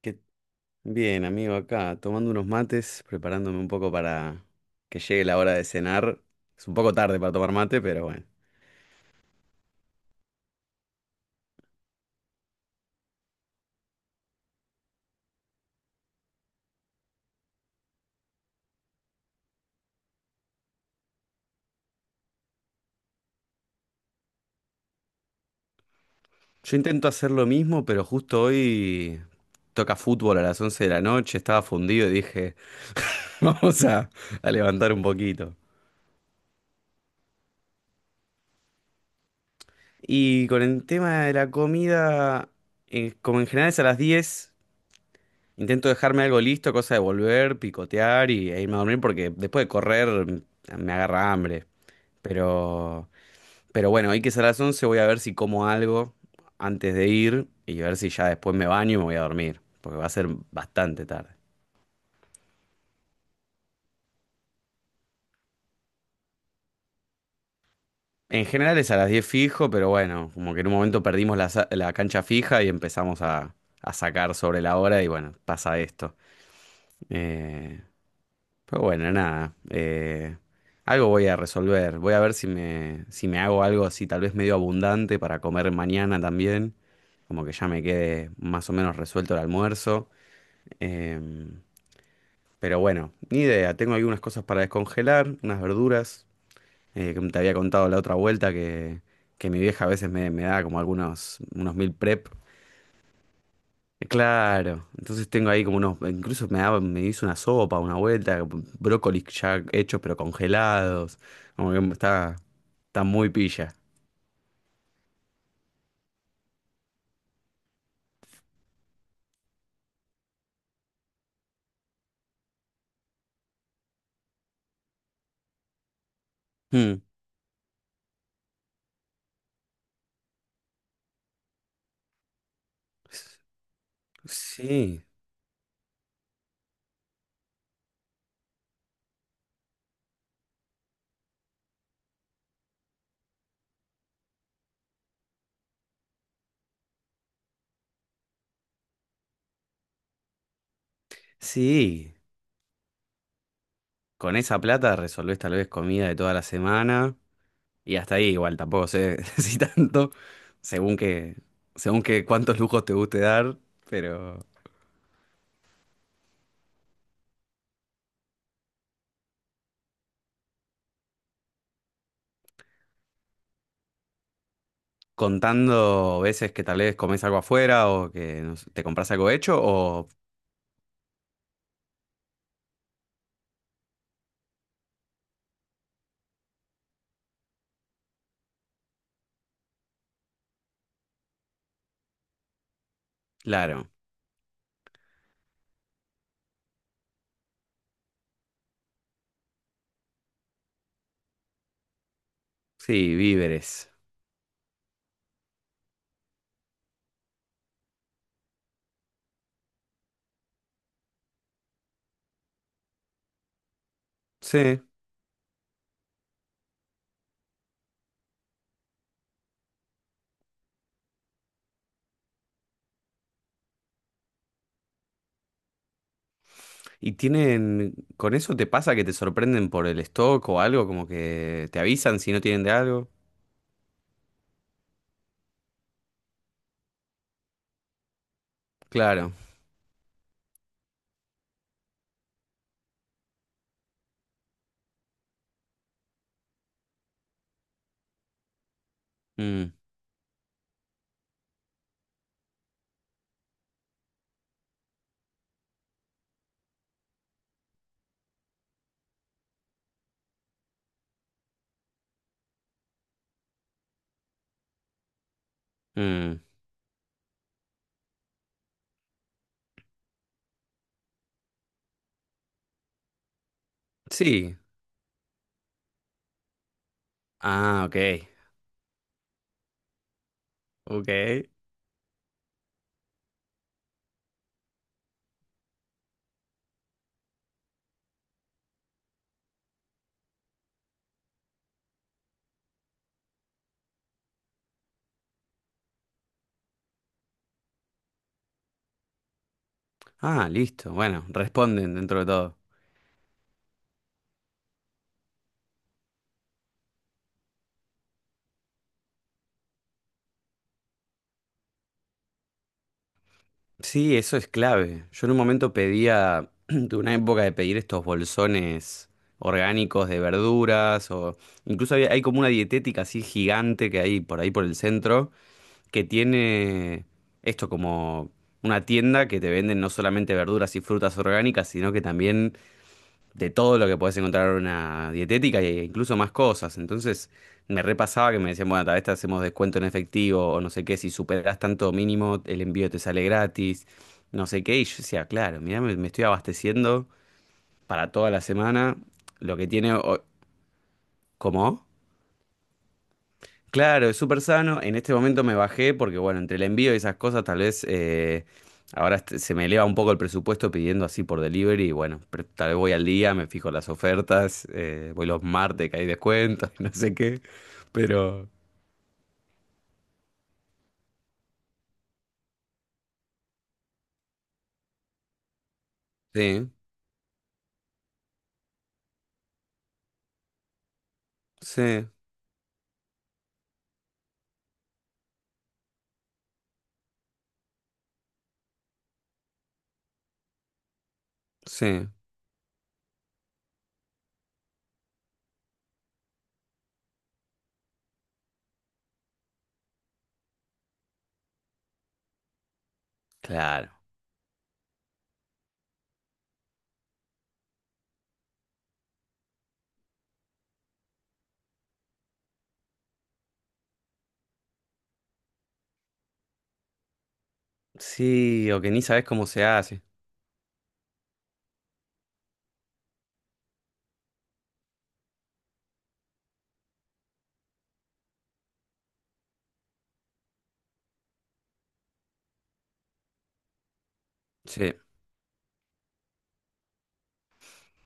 ¿Qué- Bien, amigo, acá tomando unos mates, preparándome un poco para que llegue la hora de cenar. Es un poco tarde para tomar mate, pero bueno. Yo intento hacer lo mismo, pero justo hoy toca fútbol a las 11 de la noche, estaba fundido y dije, vamos a levantar un poquito. Y con el tema de la comida, como en general es a las 10 intento dejarme algo listo, cosa de volver, picotear e irme a dormir, porque después de correr me agarra hambre. Pero... Pero bueno, hoy que es a las 11 voy a ver si como algo antes de ir y ver si ya después me baño y me voy a dormir, porque va a ser bastante tarde. En general es a las 10 fijo, pero bueno, como que en un momento perdimos la cancha fija y empezamos a sacar sobre la hora y bueno, pasa esto. Eh, pero bueno, nada, algo voy a resolver. Voy a ver si me hago algo así, tal vez medio abundante para comer mañana también, como que ya me quede más o menos resuelto el almuerzo. Eh, Pero bueno, ni idea. Tengo algunas cosas para descongelar, unas verduras, que te había contado la otra vuelta que mi vieja a veces me da como algunos unos meal prep. Claro, entonces tengo ahí como unos, incluso me daba, me hizo una sopa, una vuelta, brócolis ya hechos pero congelados. Como que está muy pilla. Mm. Sí, sí. Con esa plata resolvés tal vez comida de toda la semana. Y hasta ahí igual, tampoco sé si tanto, según que, según que cuántos lujos te guste dar, pero contando veces que tal vez comes algo afuera o que no sé, te compras algo hecho o, claro, sí, víveres. Sí, y tienen, ¿con eso te pasa que te sorprenden por el stock o algo? Como que te avisan si no tienen de algo. Claro. Mm, mm. Sí. Ah, ok. Ok. Ah, listo. Bueno, responden dentro de todo. Sí, eso es clave. Yo en un momento pedía, tuve una época de pedir estos bolsones orgánicos de verduras o incluso hay como una dietética así gigante que hay por ahí por el centro que tiene esto como una tienda que te venden no solamente verduras y frutas orgánicas, sino que también de todo lo que podés encontrar en una dietética e incluso más cosas. Entonces me repasaba que me decían, bueno, tal vez te hacemos descuento en efectivo o no sé qué, si superás tanto mínimo, el envío te sale gratis, no sé qué. Y yo decía, claro, mirá, me estoy abasteciendo para toda la semana lo que tiene. ¿Cómo? Claro, es súper sano. En este momento me bajé porque, bueno, entre el envío y esas cosas, tal vez ahora se me eleva un poco el presupuesto pidiendo así por delivery. Y bueno, tal vez voy al día, me fijo las ofertas, voy los martes que hay descuentos, y no sé qué. Pero sí, sí, sí, claro. Sí, o que ni sabes cómo se hace. Sí,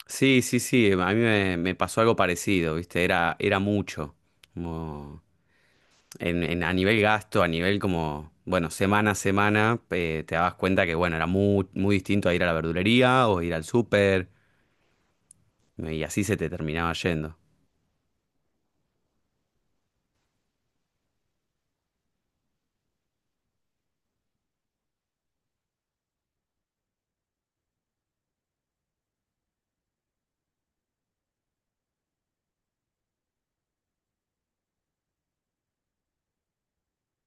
sí, sí, sí. A mí me pasó algo parecido, ¿viste? Era mucho. Como- a nivel gasto, a nivel como, bueno, semana a semana, te dabas cuenta que, bueno, era muy, muy distinto a ir a la verdulería o ir al súper, y así se te terminaba yendo.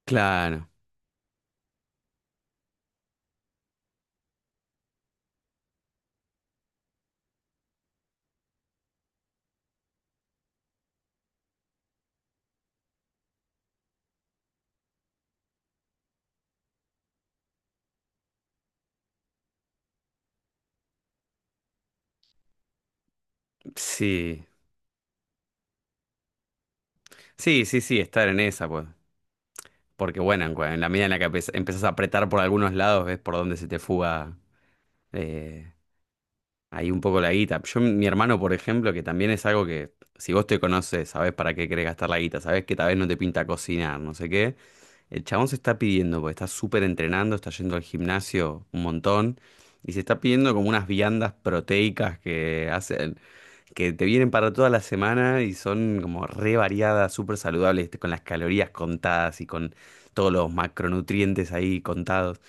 Claro, sí, sí, sí, sí, estar en esa, pues. Porque, bueno, en la medida en la que empezás a apretar por algunos lados, ves por dónde se te fuga eh, Ahí un poco la guita. Yo, mi hermano, por ejemplo, que también es algo que, si vos te conoces, sabés para qué querés gastar la guita, sabés que tal vez no te pinta cocinar, no sé qué. El chabón se está pidiendo, porque está súper entrenando, está yendo al gimnasio un montón, y se está pidiendo como unas viandas proteicas que hacen, que te vienen para toda la semana y son como re variadas, súper saludables, con las calorías contadas y con todos los macronutrientes ahí contados,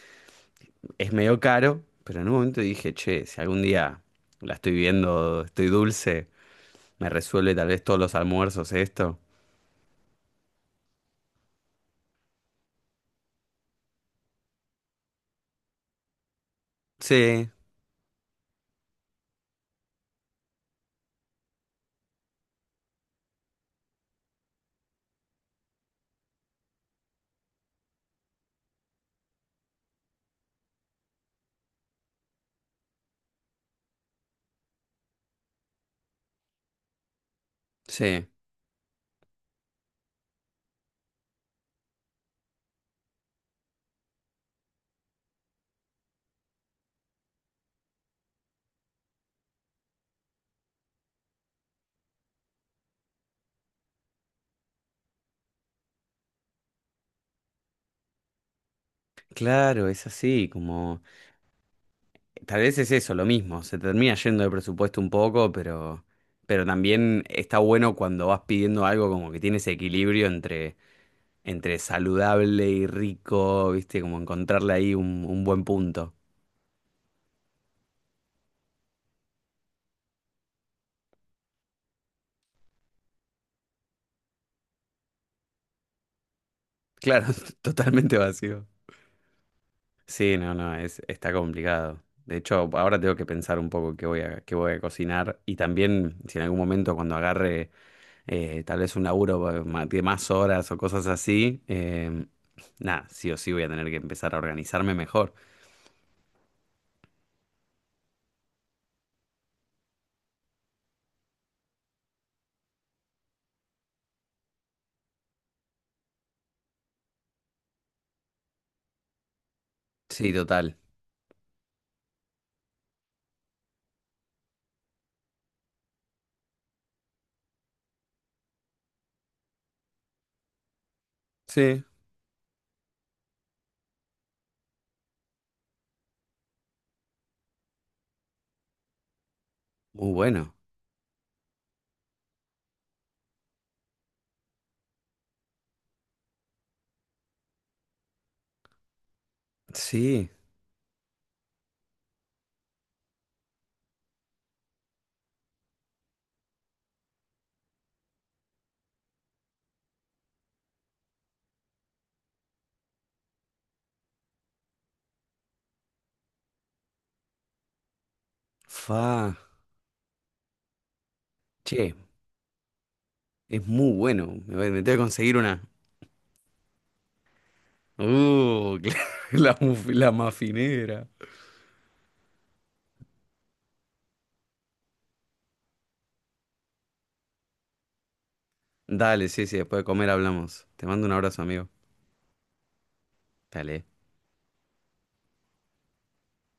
es medio caro, pero en un momento dije, che, si algún día la estoy viendo, estoy dulce, me resuelve tal vez todos los almuerzos esto. Sí, sí, claro, es así, como tal vez es eso, lo mismo, se termina yendo de presupuesto un poco, pero también está bueno cuando vas pidiendo algo como que tiene ese equilibrio entre saludable y rico, ¿viste? Como encontrarle ahí un buen punto. Claro, totalmente vacío. Sí, no, no, está complicado. De hecho, ahora tengo que pensar un poco qué voy a cocinar y también si en algún momento cuando agarre tal vez un laburo de más horas o cosas así, nada, sí o sí voy a tener que empezar a organizarme mejor. Sí, total. Sí. Muy bueno. Sí. Fa. Che, es muy bueno. Me tengo que conseguir una. Uh, la, muf- la mafinera. Dale, sí, sí, después de comer hablamos. Te mando un abrazo, amigo. Dale.